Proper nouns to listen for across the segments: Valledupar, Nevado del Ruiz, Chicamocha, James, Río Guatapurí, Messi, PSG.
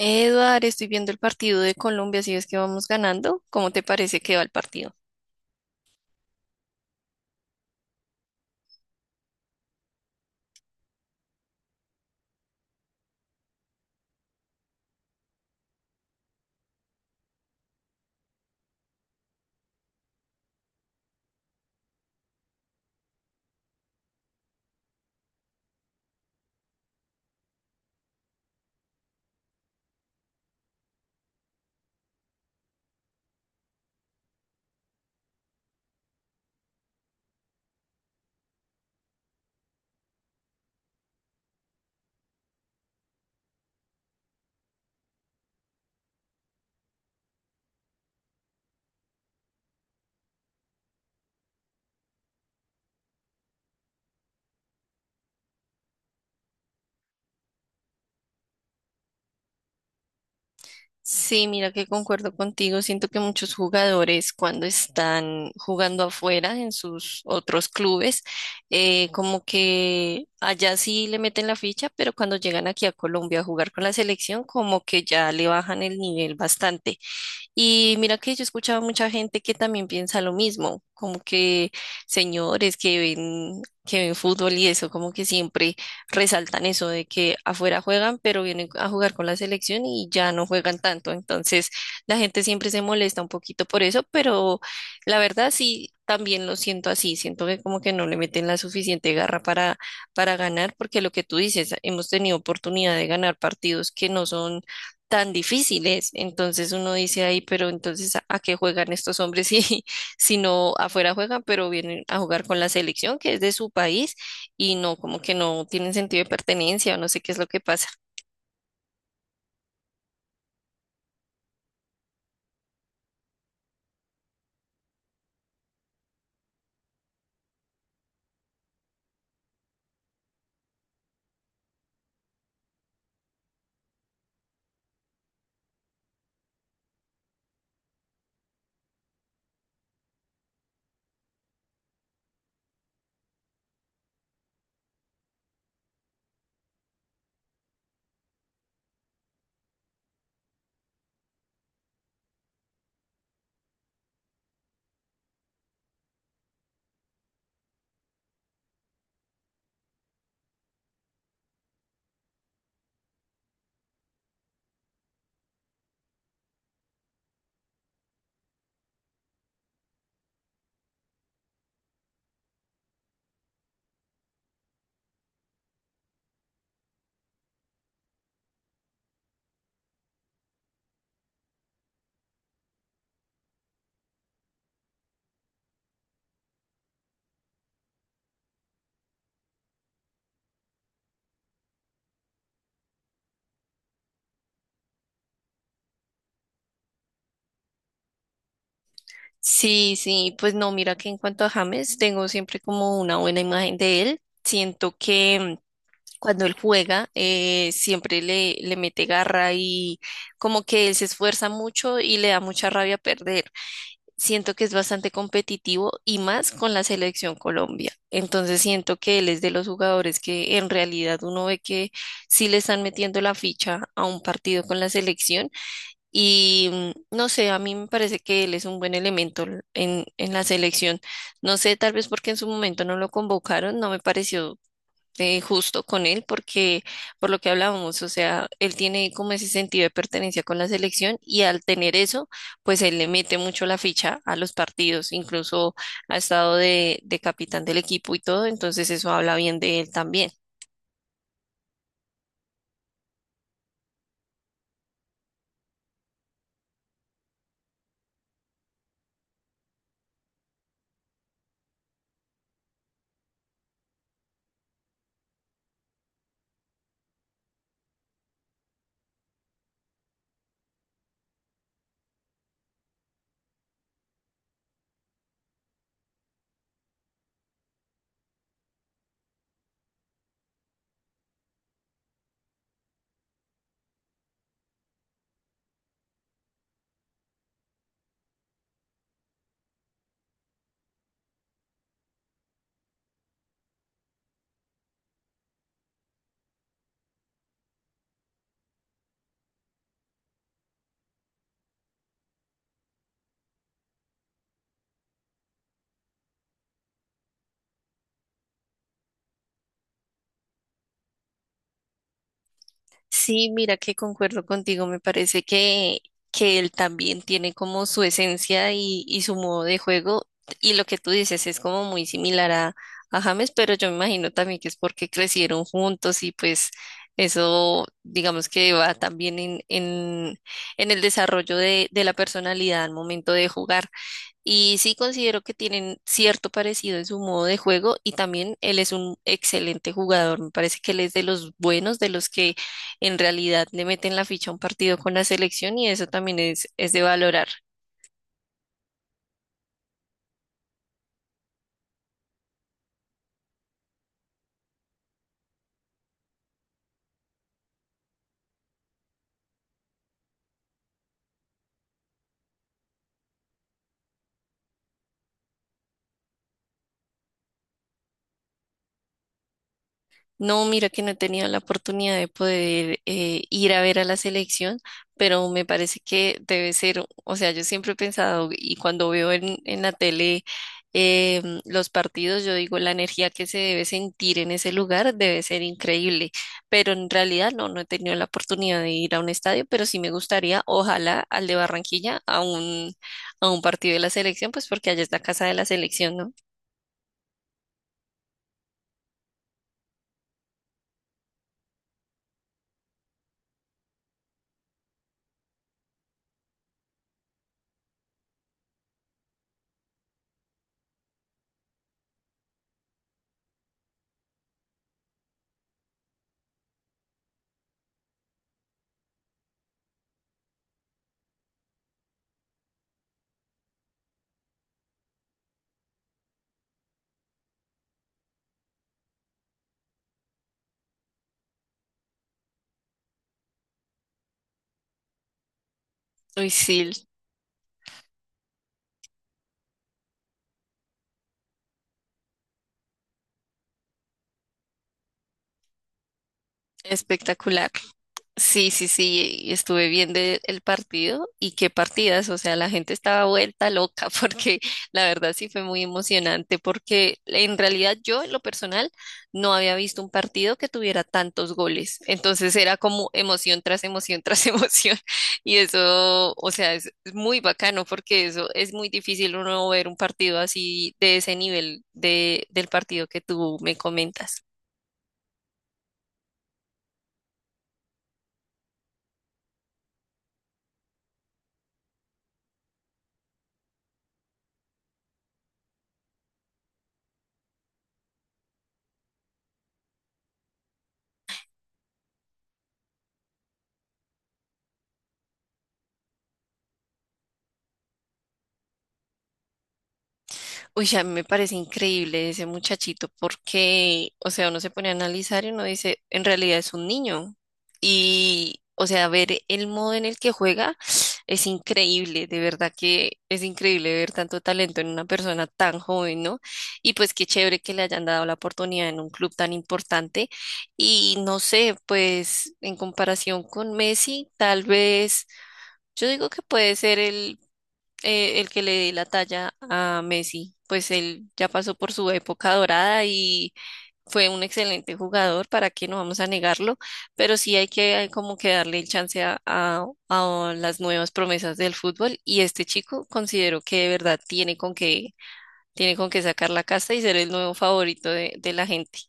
Eduard, estoy viendo el partido de Colombia, si ves que vamos ganando, ¿cómo te parece que va el partido? Sí, mira que concuerdo contigo. Siento que muchos jugadores cuando están jugando afuera en sus otros clubes, como que allá sí le meten la ficha, pero cuando llegan aquí a Colombia a jugar con la selección, como que ya le bajan el nivel bastante. Y mira que yo he escuchado mucha gente que también piensa lo mismo, como que señores que ven fútbol y eso, como que siempre resaltan eso de que afuera juegan, pero vienen a jugar con la selección y ya no juegan tanto. Entonces, la gente siempre se molesta un poquito por eso, pero la verdad sí, también lo siento así, siento que como que no le meten la suficiente garra para ganar, porque lo que tú dices, hemos tenido oportunidad de ganar partidos que no son tan difíciles. Entonces uno dice ahí, pero entonces a qué juegan estos hombres si, si no afuera juegan, pero vienen a jugar con la selección que es de su país y no, como que no tienen sentido de pertenencia o no sé qué es lo que pasa? Sí, sí, pues no, mira que en cuanto a James, tengo siempre como una buena imagen de él. Siento que cuando él juega, siempre le mete garra y como que él se esfuerza mucho y le da mucha rabia perder. Siento que es bastante competitivo y más con la selección Colombia. Entonces siento que él es de los jugadores que en realidad uno ve que sí le están metiendo la ficha a un partido con la selección y no sé, a mí me parece que él es un buen elemento en la selección. No sé, tal vez porque en su momento no lo convocaron, no me pareció justo con él porque por lo que hablábamos, o sea, él tiene como ese sentido de pertenencia con la selección y al tener eso, pues él le mete mucho la ficha a los partidos, incluso ha estado de capitán del equipo y todo, entonces eso habla bien de él también. Sí, mira que concuerdo contigo, me parece que él también tiene como su esencia y su modo de juego y lo que tú dices es como muy similar a James, pero yo me imagino también que es porque crecieron juntos y pues eso digamos que va también en el desarrollo de la personalidad al momento de jugar. Y sí considero que tienen cierto parecido en su modo de juego y también él es un excelente jugador. Me parece que él es de los buenos, de los que en realidad le meten la ficha a un partido con la selección y eso también es de valorar. No, mira que no he tenido la oportunidad de poder ir a ver a la selección, pero me parece que debe ser, o sea, yo siempre he pensado y cuando veo en la tele los partidos, yo digo, la energía que se debe sentir en ese lugar debe ser increíble, pero en realidad no, no he tenido la oportunidad de ir a un estadio, pero sí me gustaría, ojalá, al de Barranquilla, a un partido de la selección, pues porque allá es la casa de la selección, ¿no? Uy, sí, espectacular. Sí, sí, sí, y estuve viendo el partido y qué partidas, o sea, la gente estaba vuelta loca porque la verdad sí fue muy emocionante porque en realidad yo en lo personal no había visto un partido que tuviera tantos goles, entonces era como emoción tras emoción y eso, o sea, es muy bacano porque eso es muy difícil uno ver un partido así de ese nivel del partido que tú me comentas. Uy, a mí me parece increíble ese muchachito porque, o sea, uno se pone a analizar y uno dice, en realidad es un niño. Y, o sea, ver el modo en el que juega es increíble, de verdad que es increíble ver tanto talento en una persona tan joven, ¿no? Y pues qué chévere que le hayan dado la oportunidad en un club tan importante. Y no sé, pues en comparación con Messi, tal vez, yo digo que puede ser el que le dé la talla a Messi, pues él ya pasó por su época dorada y fue un excelente jugador, para qué no vamos a negarlo, pero sí hay que hay como que darle el chance a las nuevas promesas del fútbol y este chico considero que de verdad tiene con qué sacar la casta y ser el nuevo favorito de la gente.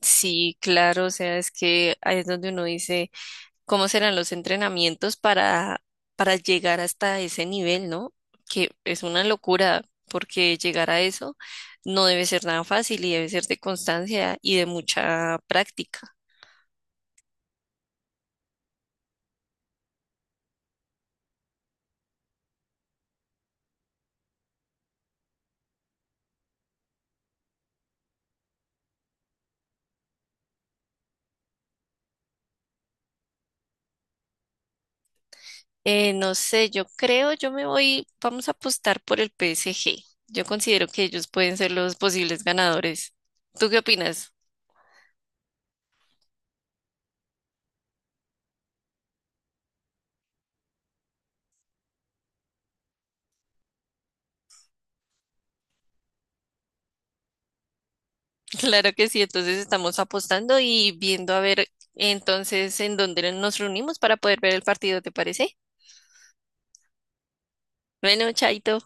Sí, claro, o sea, es que ahí es donde uno dice, cómo serán los entrenamientos para llegar hasta ese nivel, ¿no? Que es una locura, porque llegar a eso no debe ser nada fácil y debe ser de constancia y de mucha práctica. No sé, yo creo, yo me voy, vamos a apostar por el PSG. Yo considero que ellos pueden ser los posibles ganadores. ¿Tú qué opinas? Claro que sí, entonces estamos apostando y viendo a ver entonces en dónde nos reunimos para poder ver el partido, ¿te parece? Bueno, chaito.